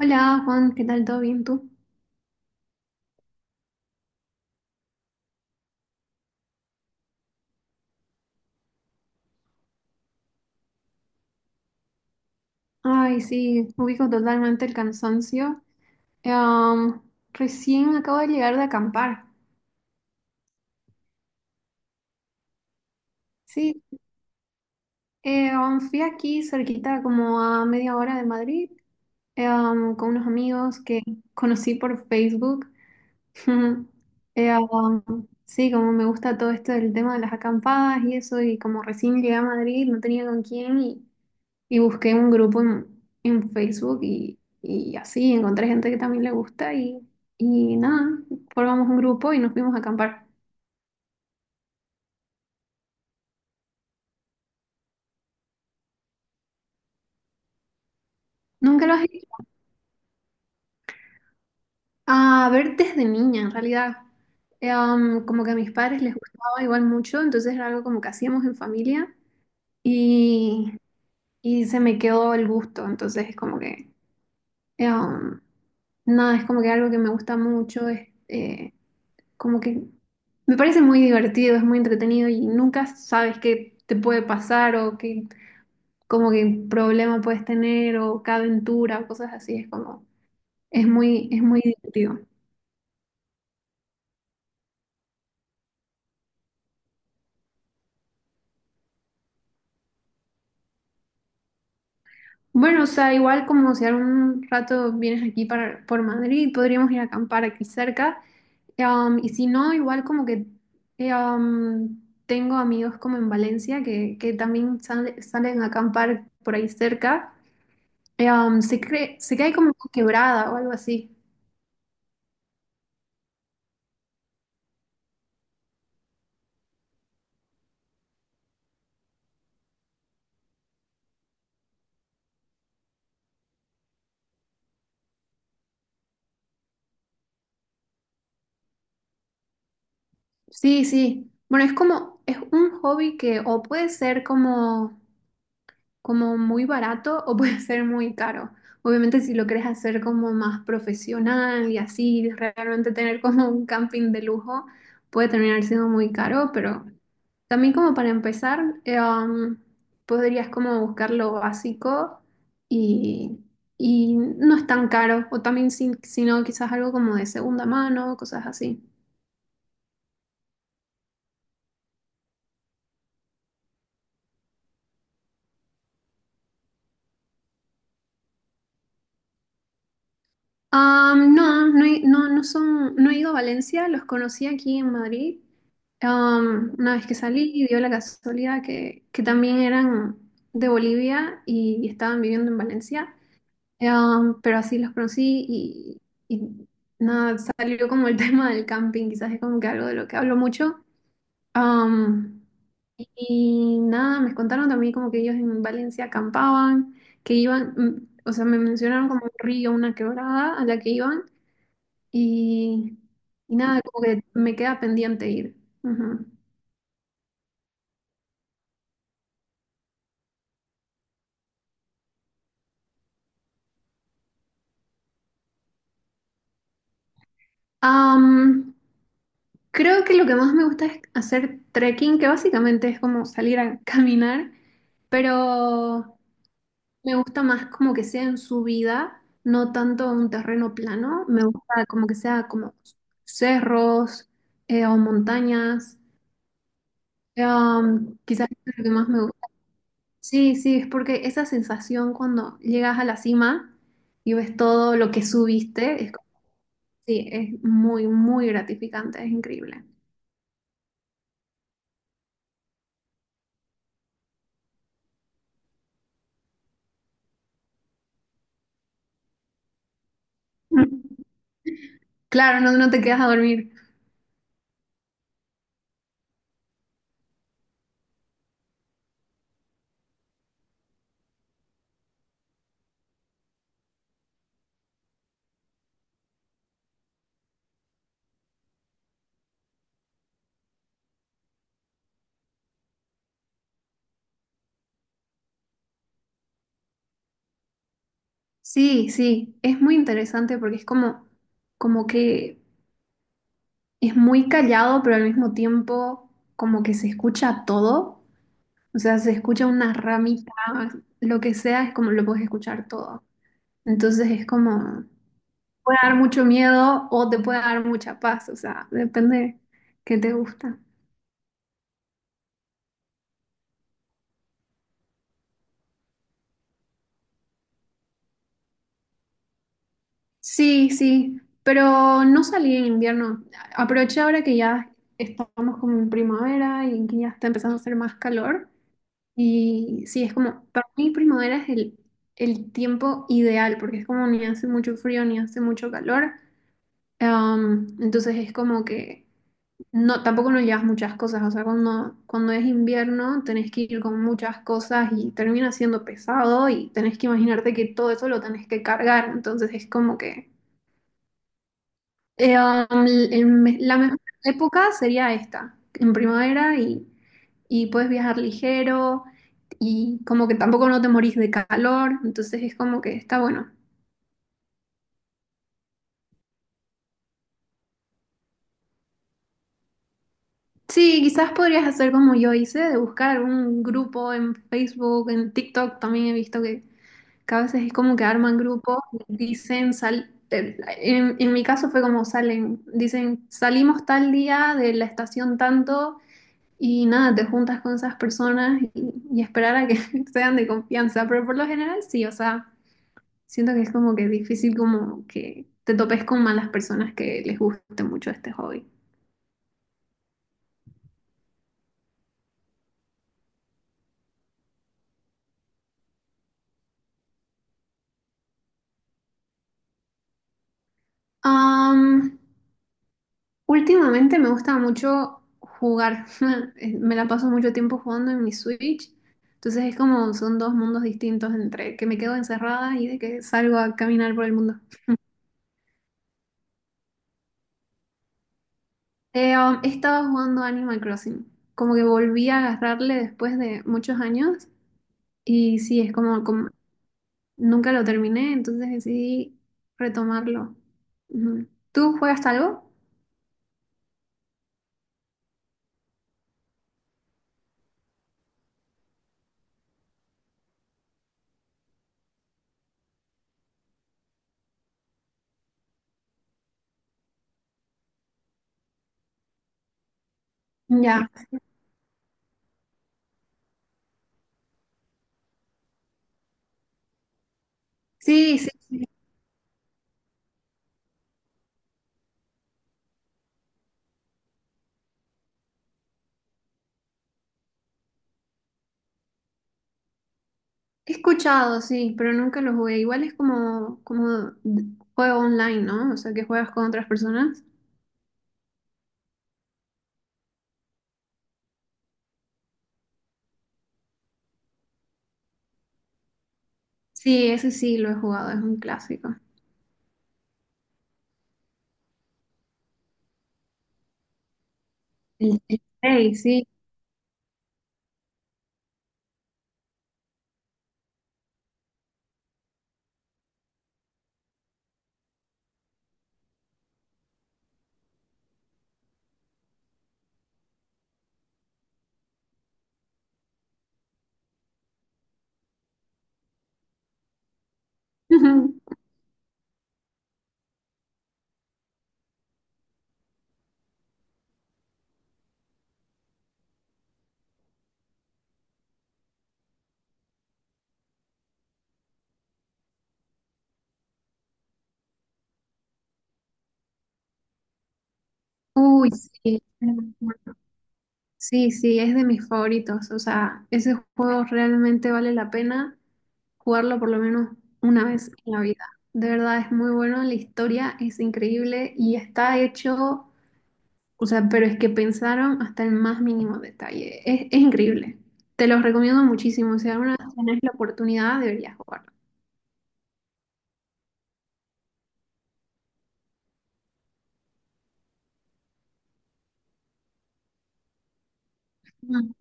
Hola Juan, ¿qué tal? ¿Todo bien tú? Ay, sí, ubico totalmente el cansancio. Em, Recién acabo de llegar de acampar. Sí, fui aquí cerquita, como a media hora de Madrid, con unos amigos que conocí por Facebook. Em, sí, como me gusta todo esto del tema de las acampadas y eso, y como recién llegué a Madrid, no tenía con quién. Y busqué un grupo en Facebook y así encontré gente que también le gusta y nada, formamos un grupo y nos fuimos a acampar. Nunca lo has hecho. A ver, desde niña, en realidad. Como que a mis padres les gustaba igual mucho, entonces era algo como que hacíamos en familia y, y se me quedó el gusto. Entonces es como que, eh, um, nada, es como que algo que me gusta mucho. Es, como que me parece muy divertido, es muy entretenido y nunca sabes qué te puede pasar o qué como que problema puedes tener o qué aventura o cosas así, es como es muy divertido. Bueno, o sea, igual como si algún rato vienes aquí para, por Madrid, podríamos ir a acampar aquí cerca. Y si no, igual como que eh, um, tengo amigos como en Valencia que también salen a acampar por ahí cerca. Se cree, se cae como una quebrada o algo así. Sí, sí. Bueno, es como, es un hobby que o puede ser como como muy barato o puede ser muy caro. Obviamente si lo quieres hacer como más profesional y así, realmente tener como un camping de lujo, puede terminar siendo muy caro, pero también como para empezar, podrías como buscar lo básico y, y no es tan caro, o también si, si no, quizás algo como de segunda mano, cosas así. No, no, no, no son, no he ido a Valencia, los conocí aquí en Madrid. Una vez que salí y dio la casualidad que también eran de Bolivia y estaban viviendo en Valencia. Pero así los conocí y nada, salió como el tema del camping, quizás es como que algo de lo que hablo mucho. Um, y nada, me contaron también como que ellos en Valencia acampaban, que iban, o sea, me mencionaron como un río, una quebrada a la que iban y, y nada, como que me queda pendiente ir. Ujú. Am, Creo que lo que más me gusta es hacer trekking, que básicamente es como salir a caminar, pero me gusta más como que sea en subida, no tanto un terreno plano. Me gusta como que sea como cerros o montañas. Quizás es lo que más me gusta. Sí, sí, es porque esa sensación cuando llegas a la cima y ves todo lo que subiste, es, como sí, es muy, muy gratificante, es increíble. Claro, no, no te quedas a dormir. Sí, sí, es muy interesante porque es como, como que es muy callado, pero al mismo tiempo como que se escucha todo. O sea, se escucha una ramita, lo que sea, es como lo puedes escuchar todo. Entonces es como, puede dar mucho miedo o te puede dar mucha paz, o sea, depende que te gusta. Sí, sí, pero no salí en invierno. Aproveché ahora que ya estamos como en primavera y que ya está empezando a hacer más calor. Y sí, es como, para mí primavera es el tiempo ideal, porque es como ni hace mucho frío ni hace mucho calor. Entonces es como que no, tampoco no llevas muchas cosas. O sea, cuando es invierno tenés que ir con muchas cosas y termina siendo pesado y tenés que imaginarte que todo eso lo tenés que cargar. Entonces es como que... Eh, la mejor época sería esta, en primavera y puedes viajar ligero y como que tampoco no te morís de calor, entonces es como que está bueno. Sí, quizás podrías hacer como yo hice, de buscar algún grupo en Facebook, en TikTok, también he visto que a veces es como que arman grupos, dicen, sal, en mi caso fue como salen, dicen, salimos tal día de la estación tanto. Y nada, te juntas con esas personas y esperar a que sean de confianza, pero por lo general sí, o sea, siento que es como que difícil como que te topes con malas personas que les guste mucho este hobby. Am, Últimamente me gusta mucho jugar. Me la paso mucho tiempo jugando en mi Switch, entonces es como son dos mundos distintos entre que me quedo encerrada y de que salgo a caminar por el mundo. He estado jugando Animal Crossing. Como que volví a agarrarle después de muchos años. Y sí, es como, como nunca lo terminé, entonces decidí retomarlo. Ujú. ¿Tú juegas algo? Ya. Sí, sí. He escuchado, sí, pero nunca lo jugué. Igual es como, como juego online, ¿no? O sea, que juegas con otras personas. Sí, ese sí lo he jugado, es un clásico. El Play, sí. Uy, sí. Sí, sí, es de mis favoritos. O sea, ese juego realmente vale la pena jugarlo por lo menos una vez en la vida. De verdad es muy bueno, la historia es increíble y está hecho, o sea, pero es que pensaron hasta el más mínimo detalle. Es increíble. Te los recomiendo muchísimo. Si alguna vez tenés la oportunidad, deberías jugarlo. Mm.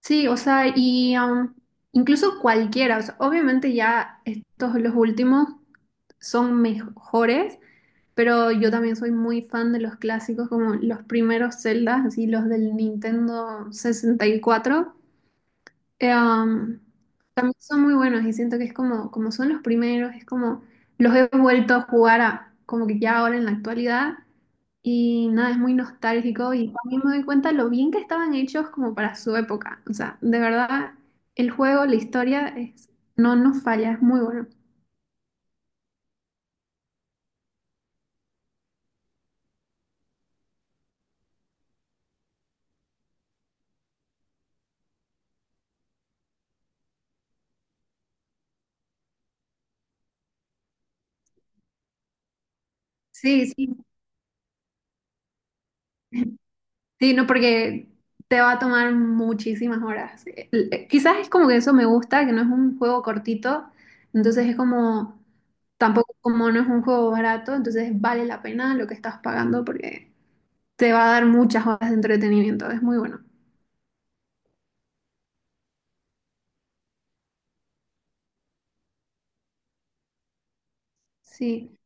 Sí, o sea, y incluso cualquiera, o sea, obviamente ya estos los últimos son mejores. Pero yo también soy muy fan de los clásicos, como los primeros Zeldas, así los del Nintendo 64. Eh, um, También son muy buenos y siento que es como, como son los primeros, es como los he vuelto a jugar como que ya ahora en la actualidad y nada, es muy nostálgico y también me doy cuenta lo bien que estaban hechos como para su época. O sea, de verdad, el juego, la historia, es, no nos falla, es muy bueno. Sí, sí. Sí, no, porque te va a tomar muchísimas horas. Quizás es como que eso me gusta, que no es un juego cortito, entonces es como, tampoco como no es un juego barato, entonces vale la pena lo que estás pagando porque te va a dar muchas horas de entretenimiento, es muy bueno. Sí,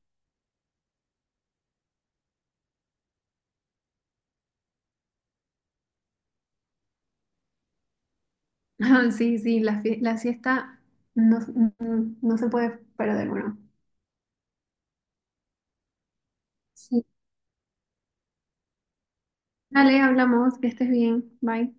sí, sí, la, la siesta no, no se puede perder, bueno. Sí. Dale, hablamos, que estés bien, bye.